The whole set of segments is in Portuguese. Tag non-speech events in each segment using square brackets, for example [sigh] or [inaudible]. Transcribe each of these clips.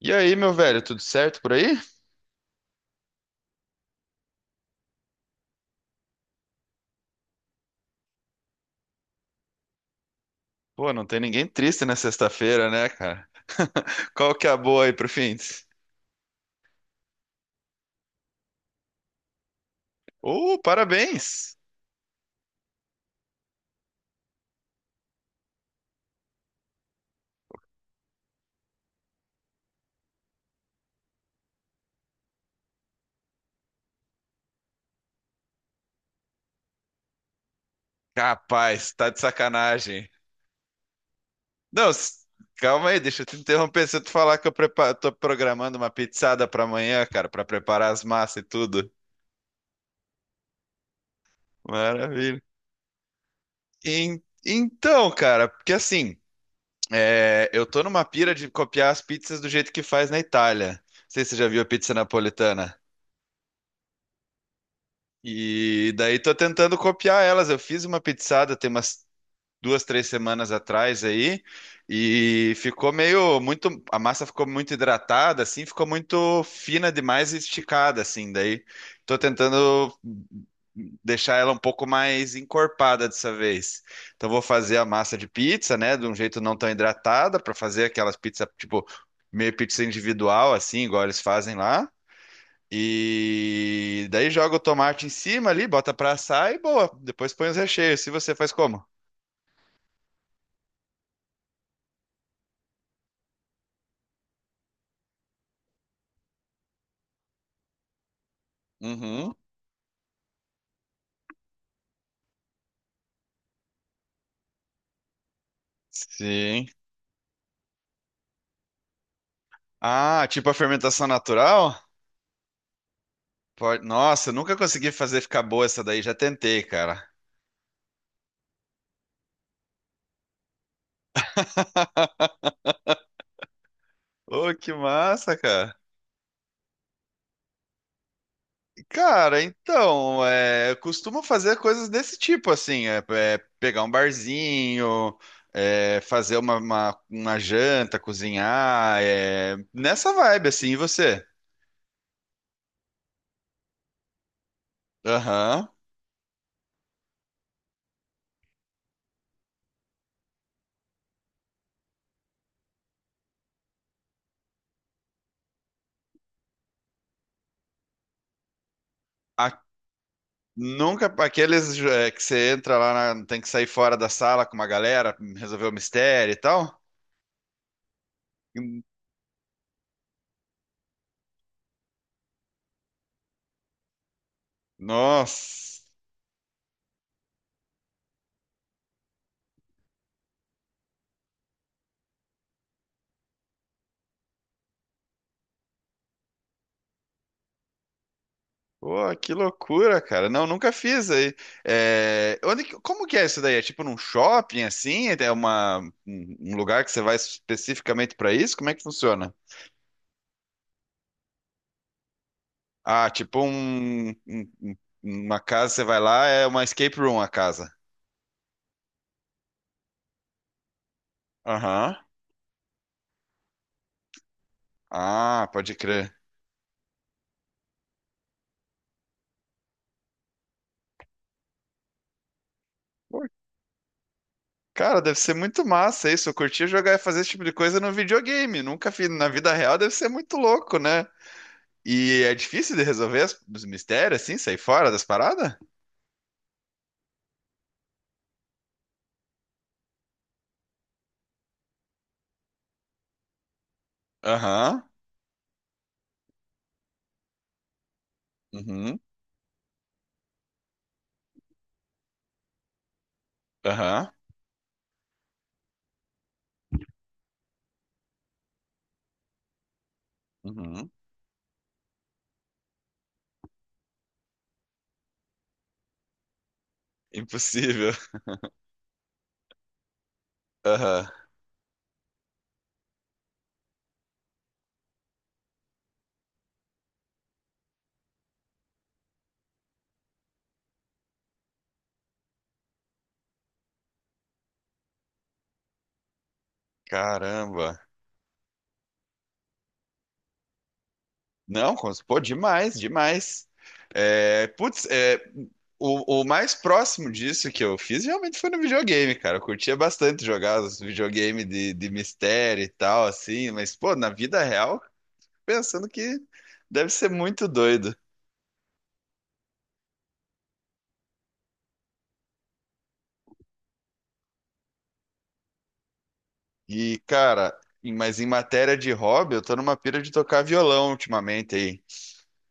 E aí, meu velho, tudo certo por aí? Pô, não tem ninguém triste na sexta-feira, né, cara? [laughs] Qual que é a boa aí pro fim? Parabéns! Capaz, tá de sacanagem. Não, calma aí, deixa eu te interromper. Se eu te falar que eu tô programando uma pizzada pra amanhã, cara, pra preparar as massas e tudo. Maravilha. Então, cara, porque assim, eu tô numa pira de copiar as pizzas do jeito que faz na Itália. Não sei se você já viu a pizza napolitana. E daí tô tentando copiar elas. Eu fiz uma pizzada tem umas 2, 3 semanas atrás aí e ficou meio muito, a massa ficou muito hidratada assim, ficou muito fina demais e esticada assim. Daí tô tentando deixar ela um pouco mais encorpada dessa vez. Então vou fazer a massa de pizza, né, de um jeito não tão hidratada para fazer aquelas pizzas tipo meio pizza individual assim, igual eles fazem lá. E daí joga o tomate em cima ali, bota pra assar e boa. Depois põe os recheios. Se você faz como? Uhum. Sim. Ah, tipo a fermentação natural? Nossa, eu nunca consegui fazer ficar boa essa daí, já tentei, cara. Ô, que massa, cara. Cara, então, eu costumo fazer coisas desse tipo, assim, pegar um barzinho, fazer uma janta, cozinhar, nessa vibe, assim, e você? Aham. Nunca, aqueles é, que você entra lá, tem que sair fora da sala com uma galera, resolver o mistério e tal. Nossa, pô, que loucura, cara. Não, nunca fiz aí. É, onde, como que é isso daí? É tipo num shopping assim? É uma, um lugar que você vai especificamente pra isso? Como é que funciona? Ah, tipo um- uma casa, você vai lá, é uma escape room a casa. Aham. Ah, pode crer. Cara, deve ser muito massa isso. Eu curtia jogar e fazer esse tipo de coisa no videogame. Nunca fiz na vida real, deve ser muito louco, né? E é difícil de resolver os mistérios, assim, sair fora das paradas? Aham, uhum, aham, uhum. Impossível. [laughs] Aham. Caramba. Não, pô, demais, demais. É, putz, é, o mais próximo disso que eu fiz realmente foi no videogame, cara. Eu curtia bastante jogar os videogames de mistério e tal, assim, mas, pô, na vida real. Pensando que deve ser muito doido. E, cara, mas em matéria de hobby, eu tô numa pira de tocar violão ultimamente aí.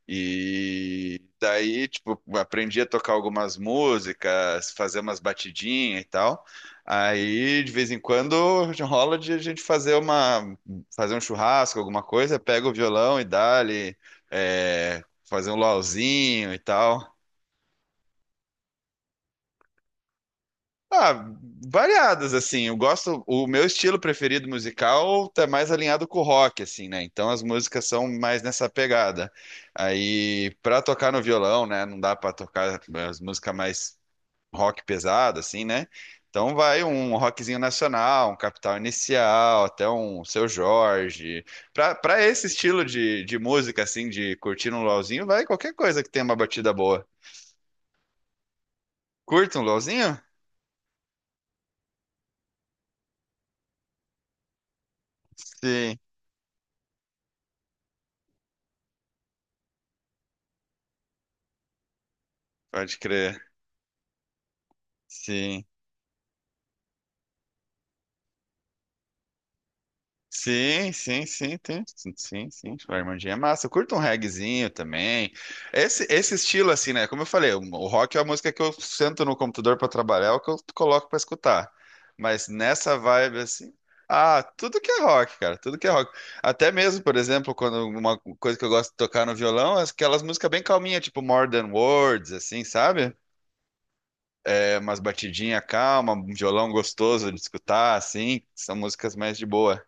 E daí, tipo, aprendi a tocar algumas músicas, fazer umas batidinhas e tal. Aí, de vez em quando, [laughs] rola de a gente fazer uma, fazer um churrasco, alguma coisa, pega o violão e dá-lhe, é, fazer um luauzinho e tal. Ah, variadas, assim. Eu gosto. O meu estilo preferido musical tá mais alinhado com o rock, assim, né? Então as músicas são mais nessa pegada. Aí, pra tocar no violão, né? Não dá pra tocar as músicas mais rock pesado, assim, né? Então vai um rockzinho nacional, um Capital Inicial, até um Seu Jorge. Pra esse estilo de música, assim, de curtir um LOLzinho, vai qualquer coisa que tenha uma batida boa. Curta um LOLzinho? Sim, pode crer. Sim. Sim, sim, sim, tem. Sim, sim, sim. O Armandinho é massa. Eu curto um reggaezinho também. Esse estilo, assim, né? Como eu falei, o rock é a música que eu sento no computador para trabalhar, é o que eu coloco para escutar. Mas nessa vibe, assim. Ah, tudo que é rock, cara, tudo que é rock. Até mesmo, por exemplo, quando uma coisa que eu gosto de tocar no violão é aquelas músicas bem calminhas, tipo More Than Words, assim, sabe? É umas batidinhas calma, um violão gostoso de escutar, assim, são músicas mais de boa.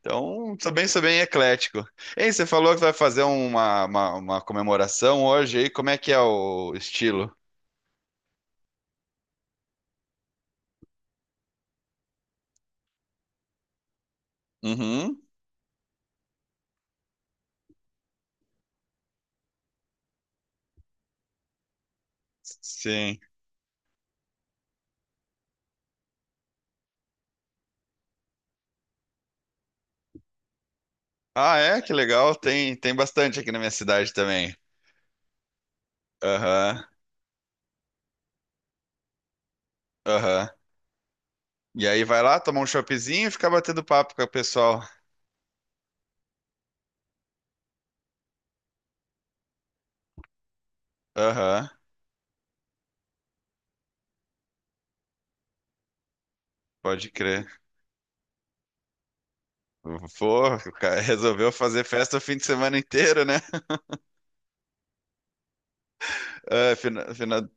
Então, sou bem eclético. Ei, você falou que vai fazer uma comemoração hoje aí. Como é que é o estilo? Uhum. Sim. Ah, é? Que legal. Tem, tem bastante aqui na minha cidade também. Aham, aham. E aí vai lá tomar um choppzinho e ficar batendo papo com o pessoal. Aham, pode crer. Pô, o cara resolveu fazer festa o fim de semana inteiro, né? É, fina- fina-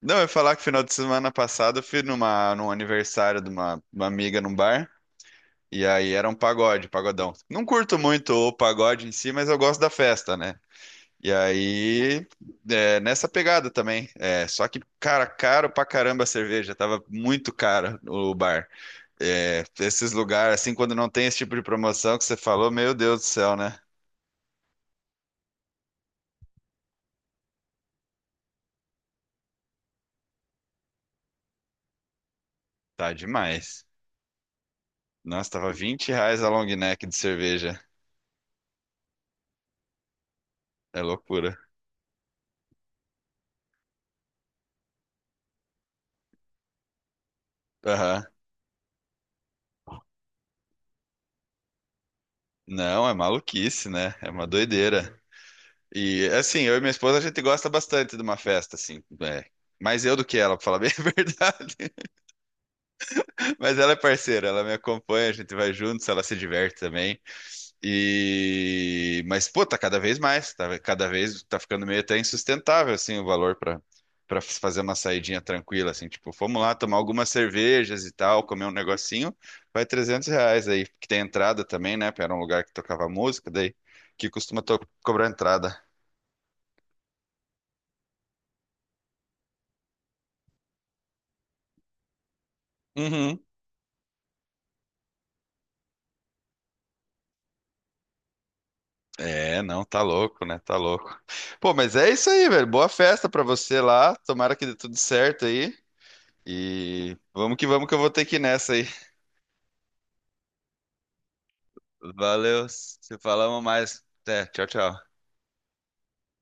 Não, eu ia falar que final de semana passado eu fui numa, num aniversário de uma amiga num bar. E aí era um pagode, pagodão. Não curto muito o pagode em si, mas eu gosto da festa, né? E aí, é, nessa pegada também. É, só que, cara, caro pra caramba a cerveja. Tava muito cara o bar. É, esses lugares, assim, quando não tem esse tipo de promoção que você falou, meu Deus do céu, né? Tá demais. Nossa, tava R$ 20 a long neck de cerveja. É loucura. Aham. Não, é maluquice, né? É uma doideira. E assim, eu e minha esposa a gente gosta bastante de uma festa, assim, é. Mais eu do que ela, pra falar bem [laughs] a verdade. Mas ela é parceira, ela me acompanha, a gente vai juntos, ela se diverte também. E mas pô, tá cada vez mais, tá cada vez tá ficando meio até insustentável assim o valor pra para fazer uma saidinha tranquila assim, tipo, fomos lá tomar algumas cervejas e tal, comer um negocinho, vai R$ 300 aí, que tem entrada também, né? Era um lugar que tocava música, daí que costuma cobrar entrada. Uhum. É, não, tá louco, né? Tá louco. Pô, mas é isso aí, velho. Boa festa pra você lá. Tomara que dê tudo certo aí. E vamos que eu vou ter que ir nessa aí. Valeu, se falamos mais. Até, tchau, tchau.